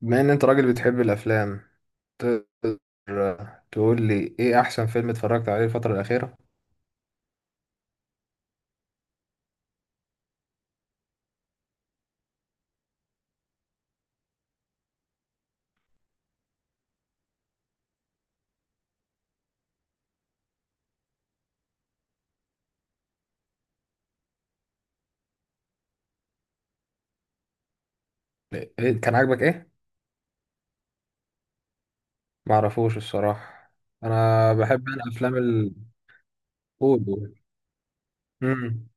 بما ان انت راجل بتحب الافلام، تقدر تقول لي ايه احسن فيلم اتفرجت عليه الفترة الأخيرة؟ إيه كان عاجبك ايه؟ معرفوش الصراحة. انا بحب افلام الأول. امم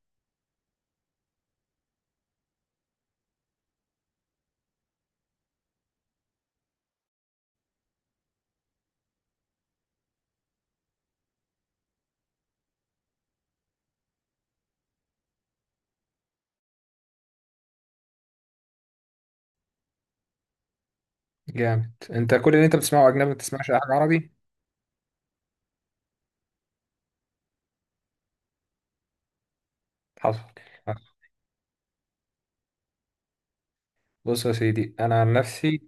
جامد، انت كل اللي انت بتسمعه اجنبي ما بتسمعش اي حاجة عربي؟ حصل. حصل. بص يا سيدي انا عن نفسي.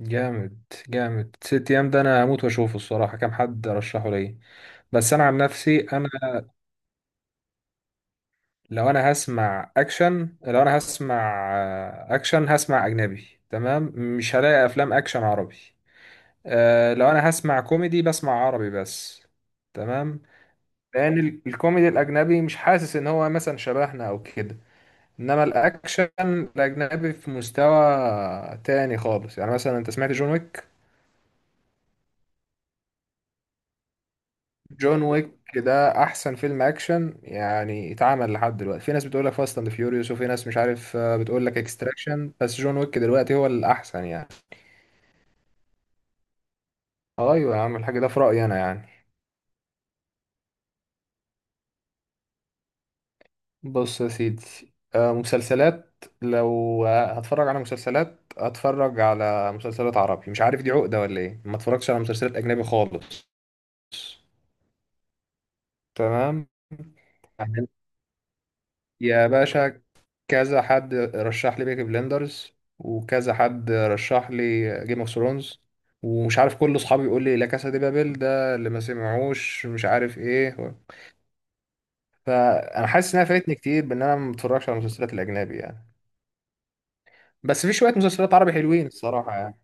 جامد. جامد، ست ايام ده انا هموت واشوفه الصراحة، كام حد رشحه ليا. بس انا عن نفسي، لو انا هسمع اكشن هسمع اجنبي، تمام؟ مش هلاقي افلام اكشن عربي. أه، لو انا هسمع كوميدي بسمع عربي بس. تمام. لان الكوميدي الاجنبي مش حاسس ان هو مثلا شبهنا او كده، انما الاكشن الاجنبي في مستوى تاني خالص. يعني مثلا انت سمعت جون ويك؟ جون ويك ده احسن فيلم اكشن يعني اتعمل لحد دلوقتي. في ناس بتقول لك فاست اند فيوريوس، وفي ناس مش عارف بتقول لك اكستراكشن، بس جون ويك دلوقتي هو الاحسن يعني. ايوه يا عم الحاج، ده في رايي انا يعني. بص يا سيدي، مسلسلات. لو هتفرج على مسلسلات عربي. مش عارف دي عقده ولا ايه، ما اتفرجتش على مسلسلات اجنبي خالص. تمام، يعني. يا باشا، كذا حد رشح لي بيكي بلندرز، وكذا حد رشح لي جيم اوف ثرونز، ومش عارف كل اصحابي يقول لي لا كاسا دي بابل ده اللي ما سمعوش مش عارف ايه. فانا حاسس انها فايتني كتير بان انا ما بتفرجش على المسلسلات الاجنبي يعني. بس في شويه مسلسلات عربي حلوين الصراحه يعني.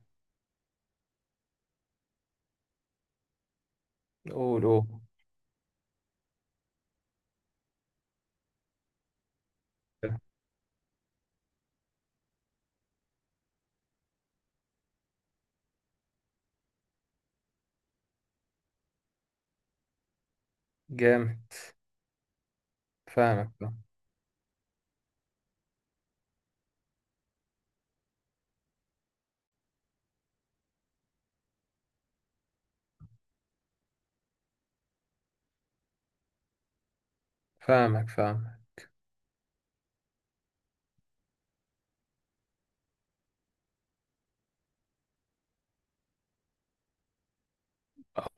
قول، قول. جامد. فاهمك، فاهمك. فاهمك.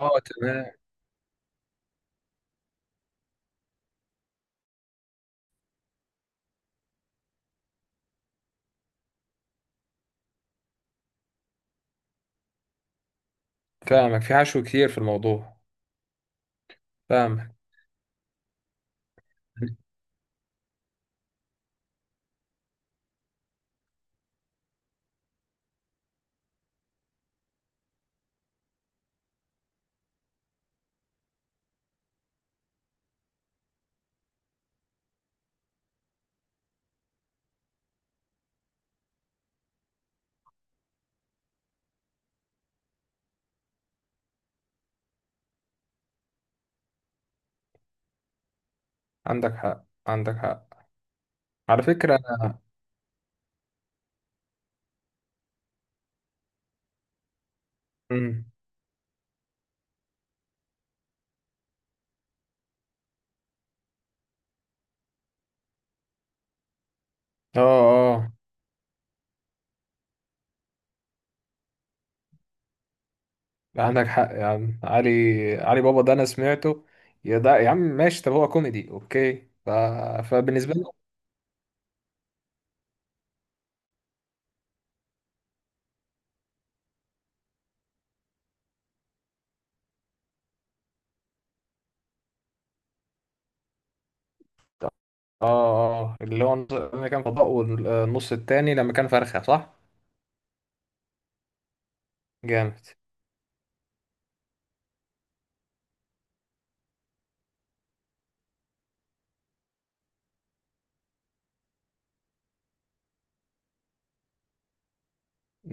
اه تمام. فاهمك، في حشو كتير في الموضوع. فاهمك. عندك حق، عندك حق. على فكره انا. مم. اه، اه. عندك حق يا عم علي. علي بابا ده انا سمعته. يا ده يا عم ماشي، طب هو كوميدي، اوكي ف... فبالنسبه لي. اه، اه، اللي هو لما كان فضاء، والنص التاني لما كان فرخه، صح؟ جامد.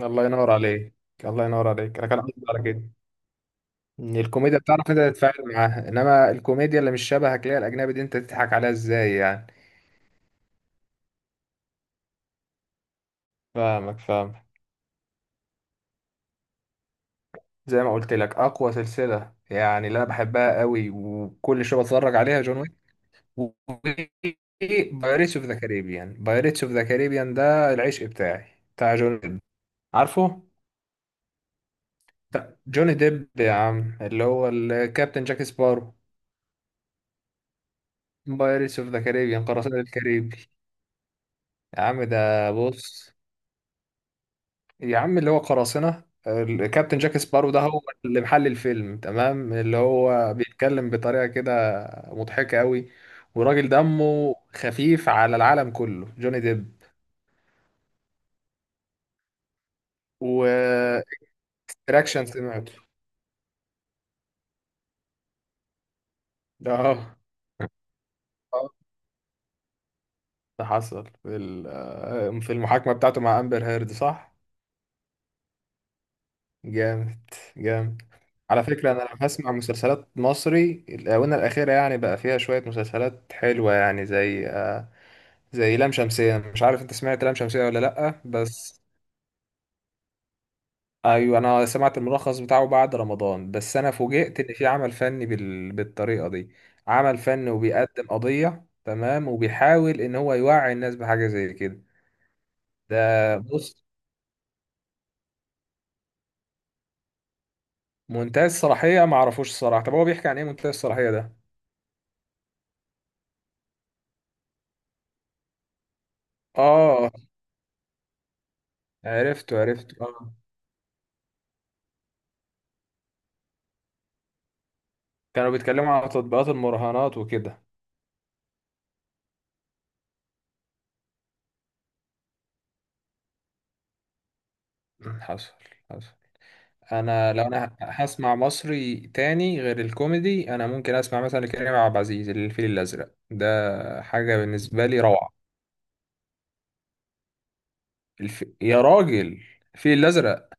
الله ينور عليك. الله ينور عليك، انا كان قصدي على كده. إن الكوميديا بتعرف انت تتفاعل معاها، انما الكوميديا اللي مش شبهك اللي هي الاجنبي دي انت تضحك عليها ازاي يعني؟ فاهمك، فاهمك. زي ما قلت لك، اقوى سلسله يعني اللي انا بحبها قوي وكل شويه بتفرج عليها جون. وبايريتس اوف ذا كاريبيان. بايريتس اوف ذا كاريبيان ده العشق بتاعي. بتاع جوني ديب. عارفه؟ بتاع جوني ديب يا عم، اللي هو الكابتن جاك سبارو. بايريتس اوف ذا كاريبيان، قراصنة الكاريبي. يا عم ده بص، يا عم اللي هو قراصنة الكابتن جاك سبارو ده هو اللي محل الفيلم، تمام؟ اللي هو بيتكلم بطريقة كده مضحكة قوي. وراجل دمه خفيف على العالم كله جوني ديب. و اكشن سمعته. ده اه. آه، ده حصل في في المحاكمة بتاعته مع أمبر هيرد، صح؟ جامد. جامد. على فكرة أنا لو هسمع مسلسلات مصري، الآونة الأخيرة يعني بقى فيها شوية مسلسلات حلوة يعني زي زي لام شمسية. مش عارف أنت سمعت لام شمسية ولا لأ، بس أيوة أنا سمعت الملخص بتاعه بعد رمضان. بس أنا فوجئت إن في عمل فني بالطريقة دي. عمل فني، وبيقدم قضية تمام، وبيحاول إن هو يوعي الناس بحاجة زي كده. ده بص، منتهى الصلاحية ما اعرفوش الصراحة. طب هو بيحكي عن ايه منتهى الصلاحية ده؟ اه، عرفته، عرفته، اه. كانوا بيتكلموا على تطبيقات المراهنات وكده. مم، حصل. حصل. لو انا هسمع مصري تاني غير الكوميدي، انا ممكن اسمع مثلا كريم عبد العزيز الفيل الازرق ده. حاجة بالنسبة لي روعة. الف... يا راجل، الفيل الازرق.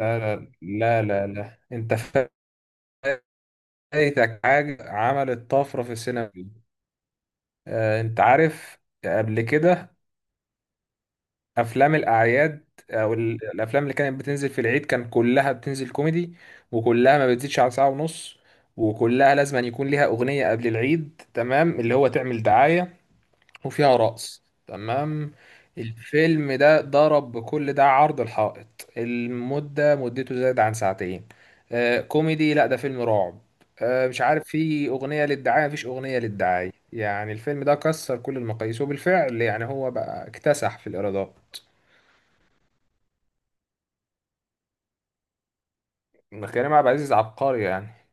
لا لا لا، لا، لا. انت فايتك حاجة عملت طفرة في السينما. انت عارف قبل كده افلام الاعياد، او الافلام اللي كانت بتنزل في العيد كان كلها بتنزل كوميدي، وكلها ما بتزيدش على ساعة ونص، وكلها لازم أن يكون ليها اغنية قبل العيد تمام اللي هو تعمل دعاية، وفيها رقص، تمام؟ الفيلم ده ضرب بكل ده عرض الحائط. المدة مدته زاد عن ساعتين. آه كوميدي؟ لا، ده فيلم رعب. آه مش عارف في اغنية للدعاية؟ مفيش اغنية للدعاية. يعني الفيلم ده كسر كل المقاييس، وبالفعل يعني هو بقى اكتسح في الايرادات. ما كريم عبد العزيز عبقري يعني.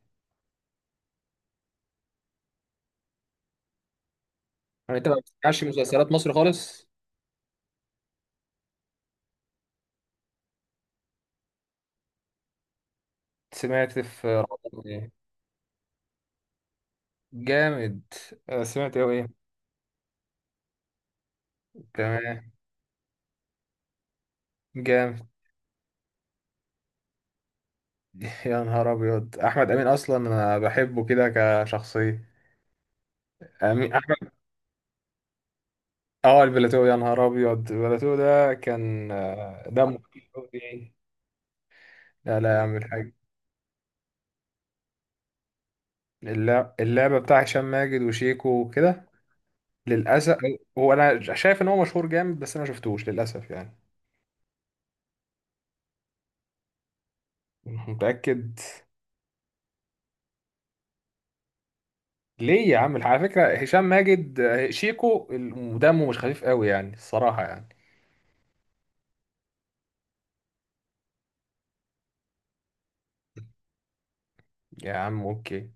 يعني انت ما بتسمعش مسلسلات مصر خالص؟ سمعت في رمضان ايه؟ جامد. سمعت هو ايه؟ تمام. جامد. يا نهار ابيض، احمد امين اصلا انا بحبه كده كشخصيه. امين احمد. اه، البلاتو. يا نهار ابيض، البلاتو ده كان دمه خفيف أوي يعني. لا لا يعمل حاجه. اللعبه بتاع هشام ماجد وشيكو وكده. للاسف. هو انا شايف ان هو مشهور جامد، بس انا ما شفتوش للاسف يعني. متاكد؟ ليه يا عم، على فكرة هشام ماجد شيكو دمه مش خفيف قوي يعني الصراحة يعني. يا عم اوكي،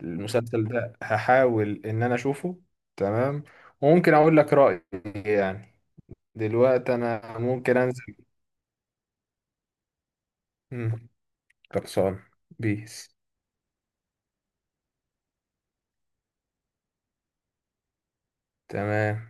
المسلسل ده هحاول ان انا اشوفه، تمام؟ وممكن اقول لك رأيي يعني. دلوقتي انا ممكن انزل. مم. خلصان. بيس. تمام.